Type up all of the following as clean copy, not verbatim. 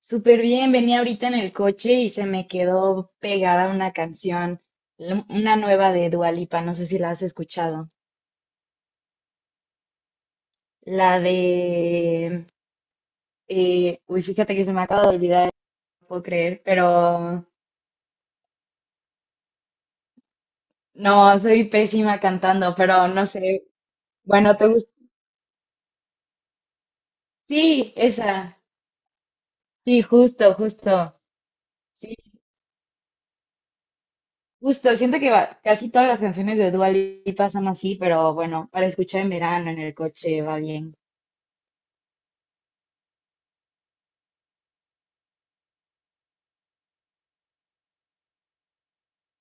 Súper bien, venía ahorita en el coche y se me quedó pegada una canción, una nueva de Dua Lipa, no sé si la has escuchado. La de... fíjate que se me acaba de olvidar, no puedo creer, pero no, soy pésima cantando, pero no sé. Bueno, ¿te gusta? Sí, esa. Sí, justo, justo. Sí, justo. Siento que casi todas las canciones de Dua Lipa son así, pero bueno, para escuchar en verano en el coche va bien.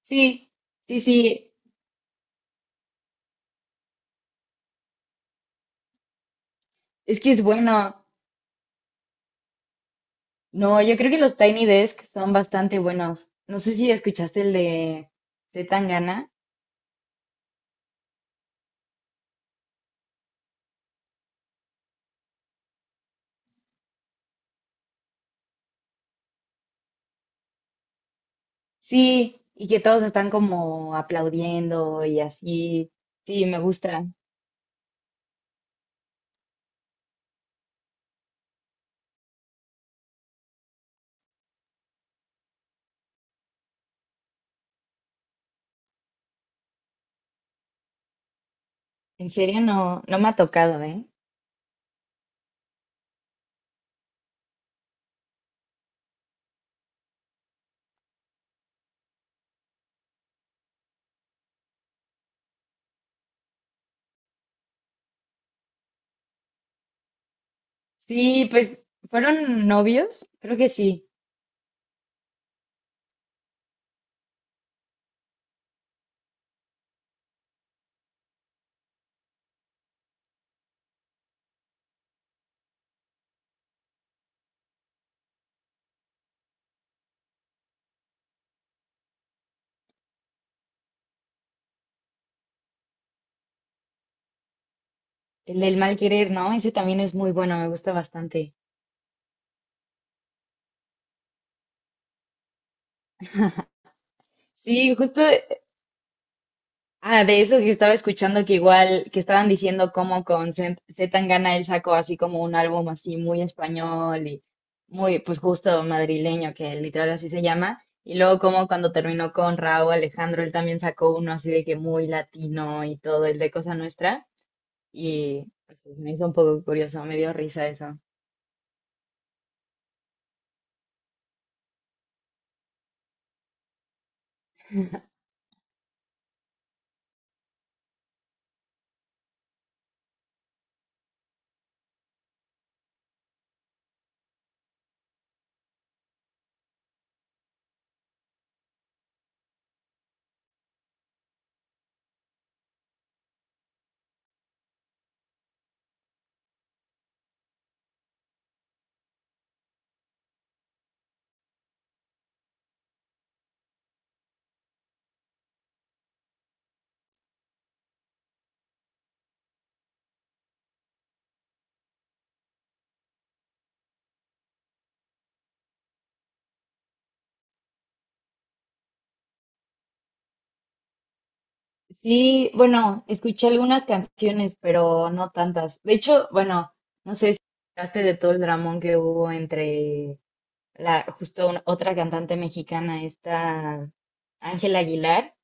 Sí. Sí, sí, es que es bueno. No, yo creo que los Tiny Desk son bastante buenos. No sé si escuchaste el de C. Tangana. Sí, y que todos están como aplaudiendo y así. Sí, me gusta. En serio, no, no me ha tocado, ¿eh? Sí, pues, ¿fueron novios? Creo que sí. El del mal querer, ¿no? Ese también es muy bueno, me gusta bastante. Sí, justo. Ah, de eso que estaba escuchando que igual, que estaban diciendo cómo con Z Z Tangana él sacó así como un álbum así muy español y muy, pues justo madrileño, que literal así se llama. Y luego como cuando terminó con Raúl Alejandro, él también sacó uno así de que muy latino y todo, el de Cosa Nuestra. Y pues, me hizo un poco curioso, me dio risa eso. Sí, bueno, escuché algunas canciones, pero no tantas. De hecho, bueno, no sé si hablaste de todo el dramón que hubo entre la, otra cantante mexicana, esta Ángela Aguilar,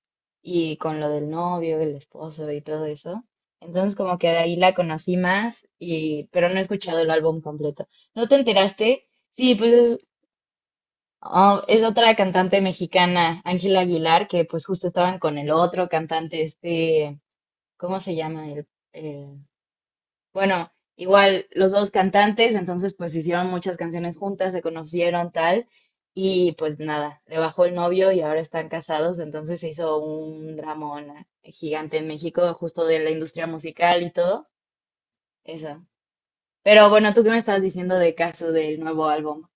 y con lo del novio, el esposo y todo eso. Entonces como que de ahí la conocí más, y, pero no he escuchado el álbum completo. ¿No te enteraste? Sí, pues es, oh, es otra cantante mexicana, Ángela Aguilar, que pues justo estaban con el otro cantante, este, ¿cómo se llama? El, bueno, igual los dos cantantes, entonces pues hicieron muchas canciones juntas, se conocieron tal, y pues nada, le bajó el novio y ahora están casados, entonces se hizo un dramón gigante en México, justo de la industria musical y todo eso. Pero bueno, ¿tú qué me estás diciendo de caso del nuevo álbum?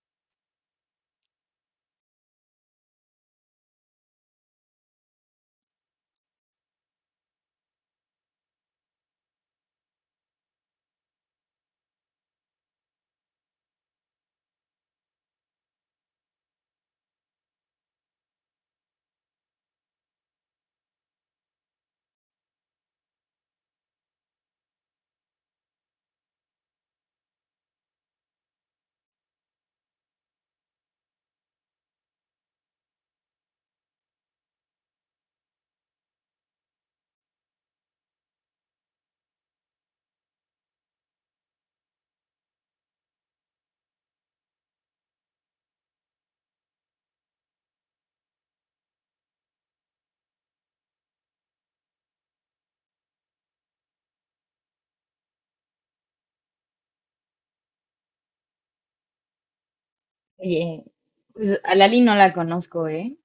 Oye, pues a Lali no la conozco, ¿eh?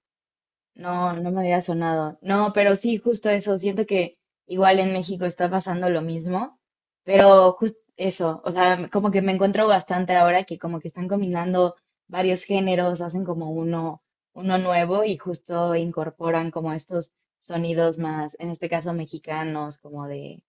No, no me había sonado. No, pero sí, justo eso. Siento que igual en México está pasando lo mismo, pero justo eso. O sea, como que me encuentro bastante ahora que como que están combinando varios géneros, hacen como uno, uno nuevo y justo incorporan como estos sonidos más, en este caso mexicanos, como de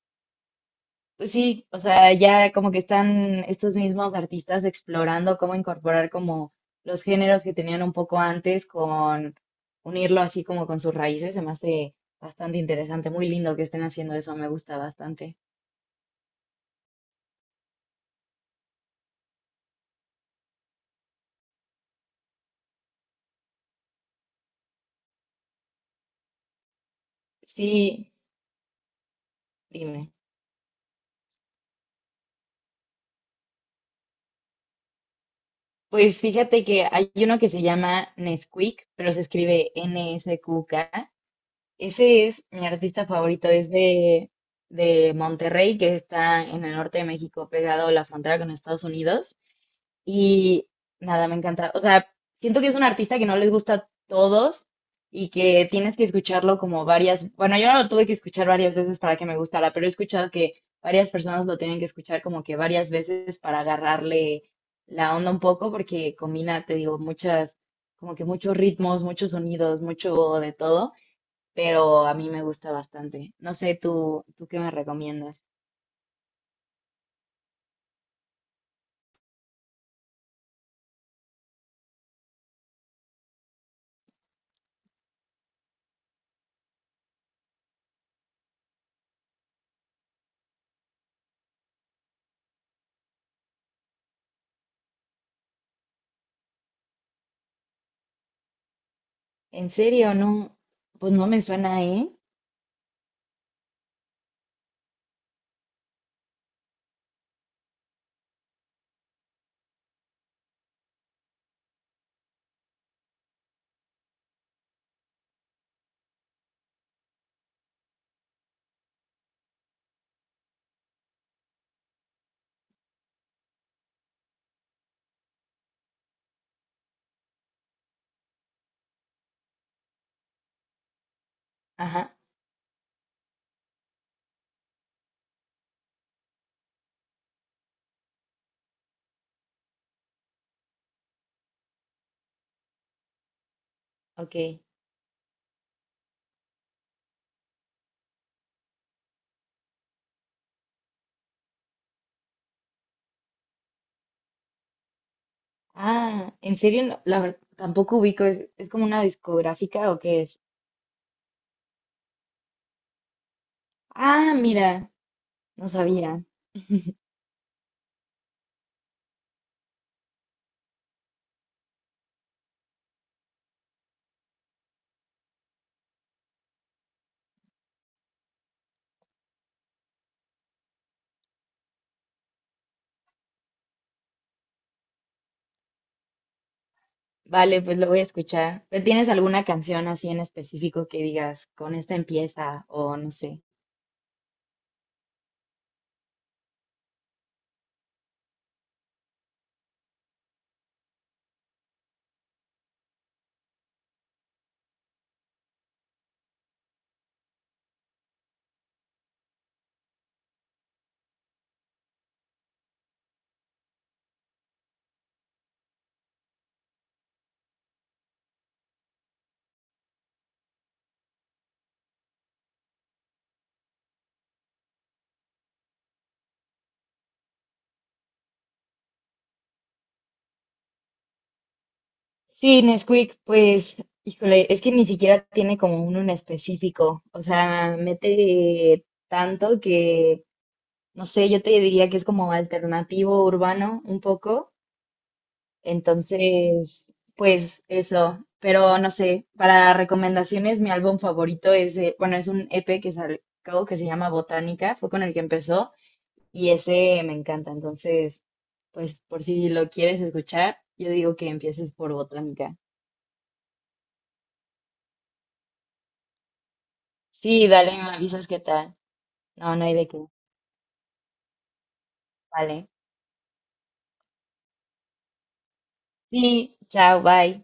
pues sí, o sea, ya como que están estos mismos artistas explorando cómo incorporar como los géneros que tenían un poco antes con unirlo así como con sus raíces, se me hace bastante interesante, muy lindo que estén haciendo eso, me gusta bastante. Sí, dime. Pues fíjate que hay uno que se llama Nesquik, pero se escribe NSQK. Ese es mi artista favorito, de Monterrey, que está en el norte de México, pegado a la frontera con Estados Unidos. Y nada, me encanta. O sea, siento que es un artista que no les gusta a todos y que tienes que escucharlo como varias, bueno, yo lo tuve que escuchar varias veces para que me gustara, pero he escuchado que varias personas lo tienen que escuchar como que varias veces para agarrarle la onda un poco porque combina, te digo, muchas, como que muchos ritmos, muchos sonidos, mucho de todo, pero a mí me gusta bastante. No sé, ¿tú qué me recomiendas? En serio, no, pues no me suena, ¿eh? Ajá, ok. Ah, en serio, no, la verdad, tampoco ubico, ¿es como una discográfica o qué es? Ah, mira, no sabía. Vale, pues lo voy a escuchar. ¿Tienes alguna canción así en específico que digas, con esta empieza o no sé? Sí, Nesquik, pues, híjole, es que ni siquiera tiene como uno en específico. O sea, mete tanto que, no sé, yo te diría que es como alternativo urbano un poco. Entonces, pues eso, pero no sé, para recomendaciones, mi álbum favorito es, bueno, es un EP que sacó que se llama Botánica, fue con el que empezó y ese me encanta, entonces, pues por si lo quieres escuchar, yo digo que empieces por Botánica. Sí, dale, me avisas qué tal. No, no hay de qué. Vale. Sí, chao, bye.